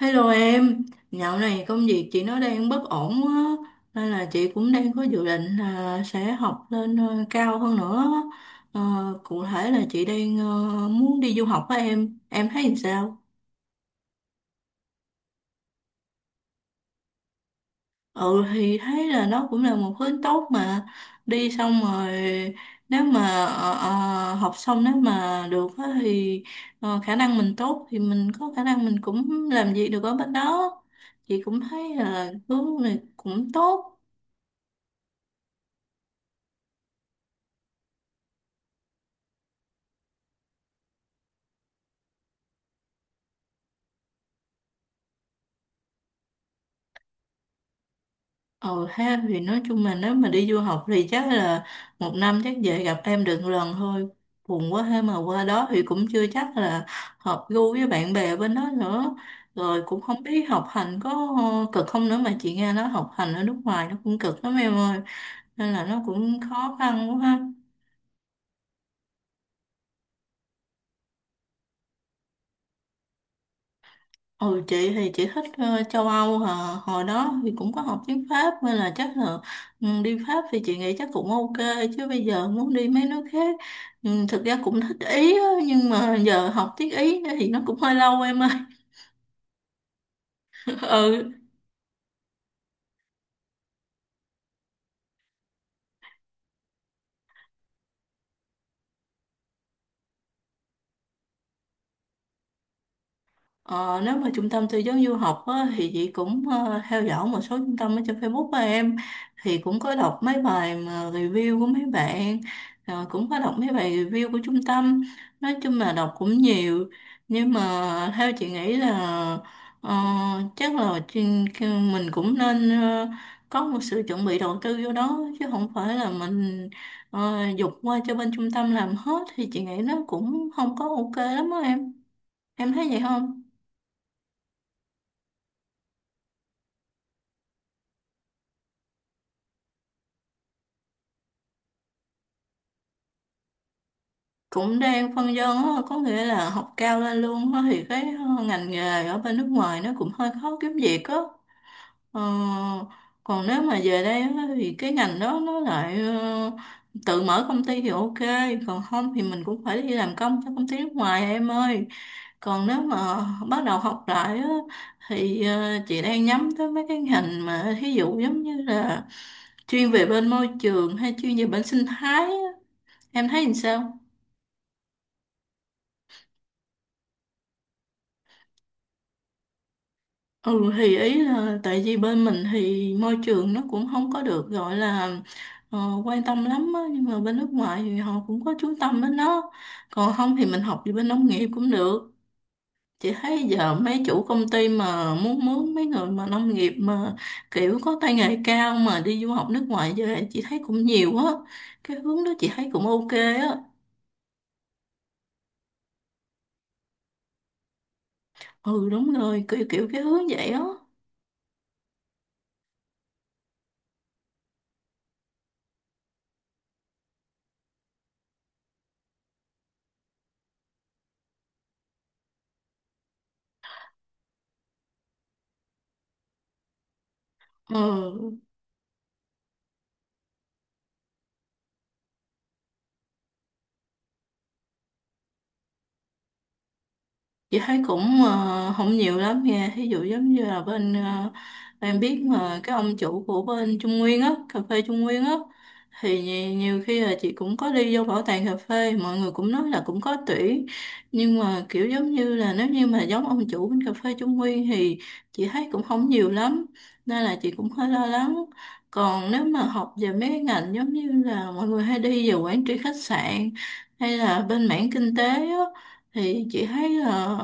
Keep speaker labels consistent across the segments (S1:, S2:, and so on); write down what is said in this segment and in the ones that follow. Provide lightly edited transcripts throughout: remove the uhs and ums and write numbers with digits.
S1: Hello em, dạo này công việc chị nó đang bất ổn quá nên là chị cũng đang có dự định là sẽ học lên cao hơn nữa. Ờ, cụ thể là chị đang muốn đi du học với em thấy làm sao? Ừ thì thấy là nó cũng là một hướng tốt mà đi xong rồi nếu mà học xong nếu mà được á thì khả năng mình tốt thì mình có khả năng mình cũng làm việc được ở bên đó. Chị cũng thấy là hướng này cũng tốt. Ờ ha, thì nói chung là nếu mà đi du học thì chắc là một năm chắc về gặp em được lần thôi, buồn quá ha, mà qua đó thì cũng chưa chắc là hợp gu với bạn bè bên đó nữa, rồi cũng không biết học hành có cực không nữa, mà chị nghe nói học hành ở nước ngoài nó cũng cực lắm em ơi, nên là nó cũng khó khăn quá ha. Ừ, chị thì chị thích châu Âu hả? Hồi đó thì cũng có học tiếng Pháp nên là chắc là, ừ, đi Pháp thì chị nghĩ chắc cũng ok, chứ bây giờ muốn đi mấy nước khác, ừ, thực ra cũng thích Ý á, nhưng mà giờ học tiếng Ý thì nó cũng hơi lâu em ơi. Ừ. Ờ, nếu mà trung tâm tư vấn du học á, thì chị cũng theo dõi một số trung tâm ở trên Facebook của em, thì cũng có đọc mấy bài mà review của mấy bạn, cũng có đọc mấy bài review của trung tâm, nói chung là đọc cũng nhiều. Nhưng mà theo chị nghĩ là, ờ, chắc là mình cũng nên, có một sự chuẩn bị đầu tư vô đó chứ không phải là mình dục qua cho bên trung tâm làm hết, thì chị nghĩ nó cũng không có ok lắm á em thấy vậy không? Cũng đang phân vân á, có nghĩa là học cao lên luôn á, thì cái ngành nghề ở bên nước ngoài nó cũng hơi khó kiếm việc á. ờ, Còn nếu mà về đây á, thì cái ngành đó nó lại tự mở công ty thì ok, còn không thì mình cũng phải đi làm công cho công ty nước ngoài em ơi. Còn nếu mà bắt đầu học lại á, thì chị đang nhắm tới mấy cái ngành mà thí dụ giống như là chuyên về bên môi trường hay chuyên về bên sinh thái á. Em thấy làm sao? Ừ thì ý là tại vì bên mình thì môi trường nó cũng không có được gọi là ờ, quan tâm lắm á, nhưng mà bên nước ngoài thì họ cũng có chú tâm đến nó. Còn không thì mình học về bên nông nghiệp cũng được. Chị thấy giờ mấy chủ công ty mà muốn mướn mấy người mà nông nghiệp mà kiểu có tay nghề cao mà đi du học nước ngoài về chị thấy cũng nhiều á. Cái hướng đó chị thấy cũng ok á. Ừ đúng rồi, kiểu kiểu cái hướng vậy á. Ừ. Chị thấy cũng không nhiều lắm nha, ví dụ giống như là bên em biết mà cái ông chủ của bên Trung Nguyên á, cà phê Trung Nguyên á, thì nhiều khi là chị cũng có đi vô bảo tàng cà phê, mọi người cũng nói là cũng có tuyển, nhưng mà kiểu giống như là nếu như mà giống ông chủ bên cà phê Trung Nguyên thì chị thấy cũng không nhiều lắm, nên là chị cũng hơi lo lắng. Còn nếu mà học về mấy cái ngành giống như là mọi người hay đi về quản trị khách sạn hay là bên mảng kinh tế á, thì chị thấy là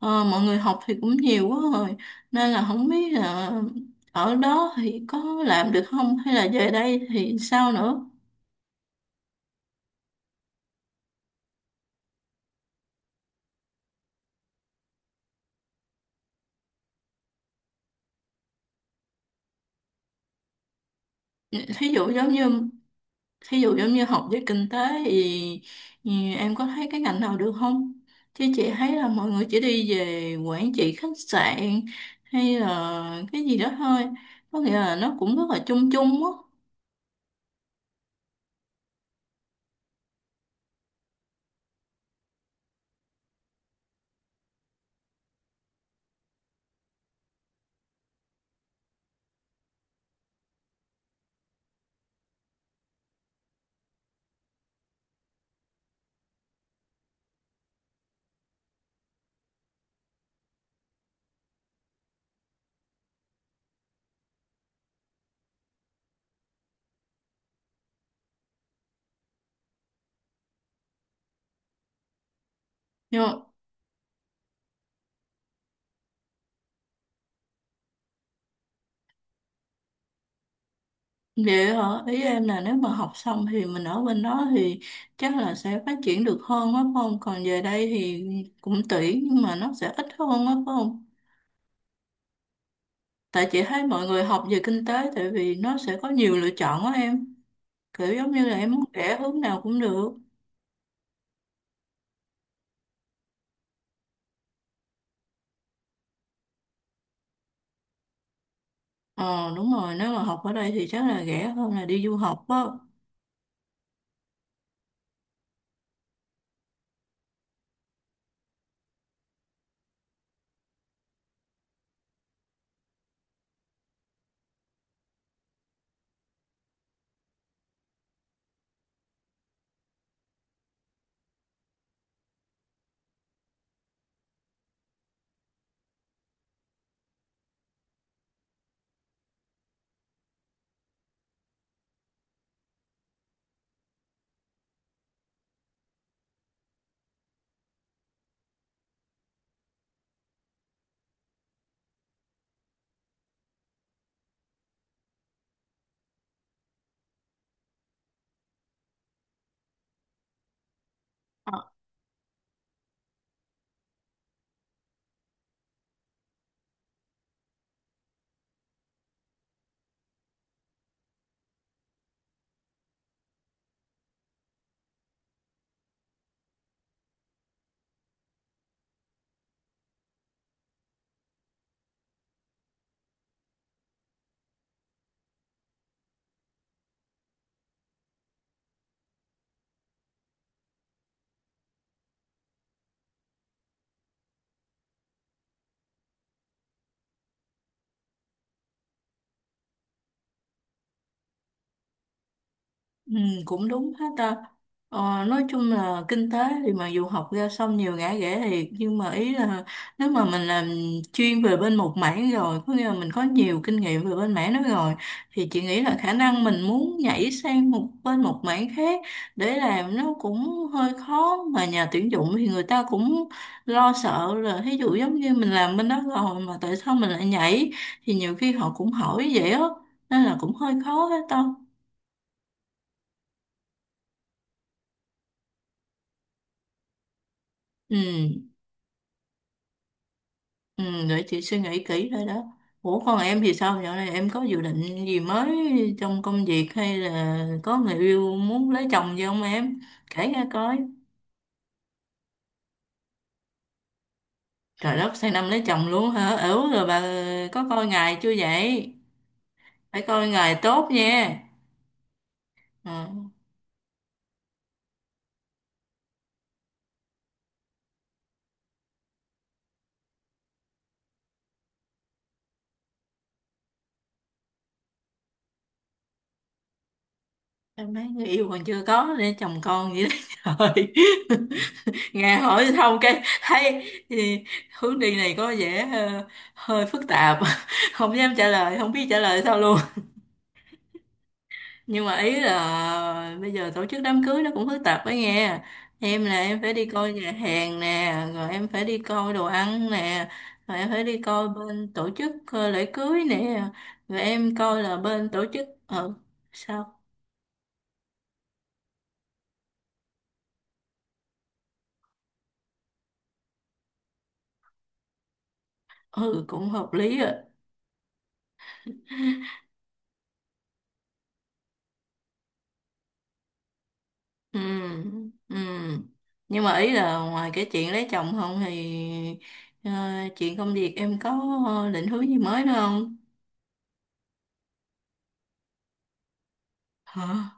S1: mọi người học thì cũng nhiều quá rồi, nên là không biết là ở đó thì có làm được không hay là về đây thì sao nữa. Thí dụ giống như, thí dụ giống như học về kinh tế thì, thì em có thấy cái ngành nào được không, chứ chị thấy là mọi người chỉ đi về quản trị khách sạn hay là cái gì đó thôi, có nghĩa là nó cũng rất là chung chung á. Vậy hả? Ý em là nếu mà học xong thì mình ở bên đó thì chắc là sẽ phát triển được hơn á phải không? Còn về đây thì cũng tuyển nhưng mà nó sẽ ít hơn á phải không? Tại chị thấy mọi người học về kinh tế tại vì nó sẽ có nhiều lựa chọn á em. Kiểu giống như là em muốn rẽ hướng nào cũng được. Ờ đúng rồi, nếu mà học ở đây thì chắc là rẻ hơn là đi du học á. Ừ, cũng đúng hết ta. Nói chung là kinh tế thì mà dù học ra xong nhiều ngã rẽ thiệt, nhưng mà ý là nếu mà mình làm chuyên về bên một mảng rồi, có nghĩa là mình có nhiều kinh nghiệm về bên mảng đó rồi, thì chị nghĩ là khả năng mình muốn nhảy sang một bên một mảng khác để làm nó cũng hơi khó. Mà nhà tuyển dụng thì người ta cũng lo sợ là thí dụ giống như mình làm bên đó rồi mà tại sao mình lại nhảy, thì nhiều khi họ cũng hỏi vậy á, nên là cũng hơi khó hết ta. Ừ. Ừ, để chị suy nghĩ kỹ thôi đó. Ủa còn em thì sao? Dạo này em có dự định gì mới trong công việc hay là có người yêu muốn lấy chồng gì không em? Kể nghe coi. Trời đất, sang năm lấy chồng luôn hả? Ừ rồi bà có coi ngày chưa vậy? Phải coi ngày tốt nha. Ừ. Em mấy người yêu còn chưa có để chồng con vậy đó. Trời, nghe hỏi xong cái thấy thì hướng đi này có vẻ hơi phức tạp. Không dám trả lời, không biết trả lời sao luôn. Nhưng mà ý là bây giờ tổ chức đám cưới nó cũng phức tạp ấy nghe, em là em phải đi coi nhà hàng nè, rồi em phải đi coi đồ ăn nè, rồi em phải đi coi bên tổ chức lễ cưới nè, rồi em coi là bên tổ chức ờ. Sao? Ừ cũng hợp lý rồi. Ừ. Ừ. Nhưng mà ý là ngoài cái chuyện lấy chồng không thì, ờ, chuyện công việc em có định hướng gì mới nữa không? Hả?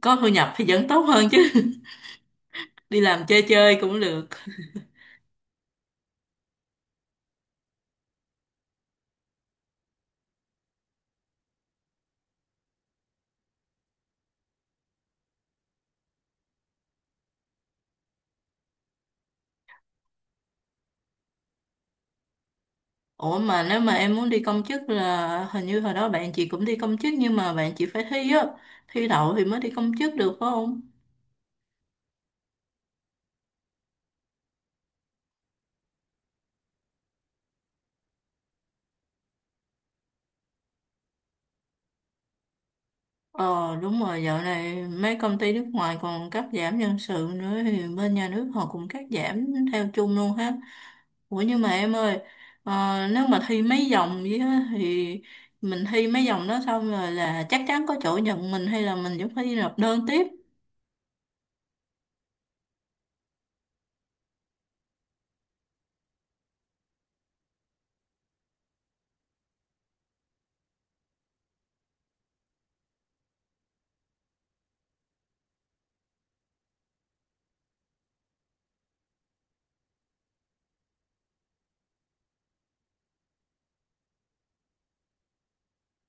S1: Có thu nhập thì vẫn tốt hơn chứ. Đi làm chơi chơi cũng được. Ủa mà nếu mà em muốn đi công chức là hình như hồi đó bạn chị cũng đi công chức nhưng mà bạn chị phải thi á, thi đậu thì mới đi công chức được phải không? Ờ đúng rồi, dạo này mấy công ty nước ngoài còn cắt giảm nhân sự nữa thì bên nhà nước họ cũng cắt giảm theo chung luôn ha. Ủa nhưng mà em ơi, nếu mà thi mấy vòng vậy á, thì mình thi mấy vòng đó xong rồi là chắc chắn có chỗ nhận mình hay là mình vẫn phải đi nộp đơn tiếp?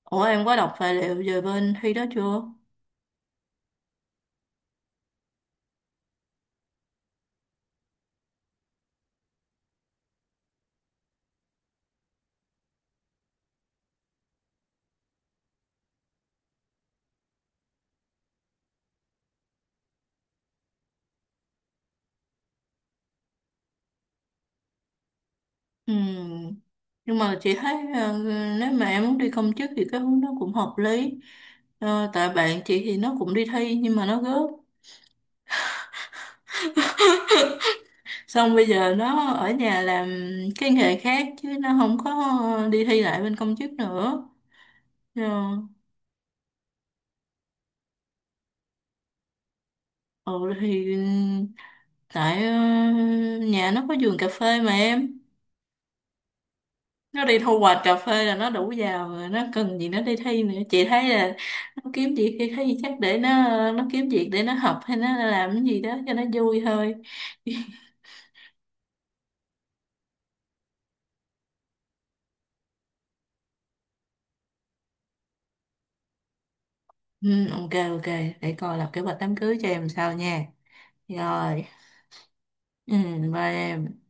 S1: Ủa em có đọc tài liệu về bên thi đó chưa? Ừ. Nhưng mà chị thấy nếu mà em muốn đi công chức thì cái hướng đó cũng hợp lý. Ờ, tại bạn chị thì nó cũng đi thi nhưng mà nó gớp. Xong bây giờ nó ở nhà làm cái nghề khác chứ nó không có đi thi lại bên công chức nữa. Ờ. Ừ thì tại nhà nó có vườn cà phê mà em. Nó đi thu hoạch cà phê là nó đủ giàu rồi, nó cần gì nó đi thi nữa, chị thấy là nó kiếm việc đi thấy chắc để nó kiếm việc để nó học hay nó làm cái gì đó cho nó vui thôi. Ừ, ok ok, để coi lập kế hoạch đám cưới cho em sao nha. Rồi. Ừ, bye em.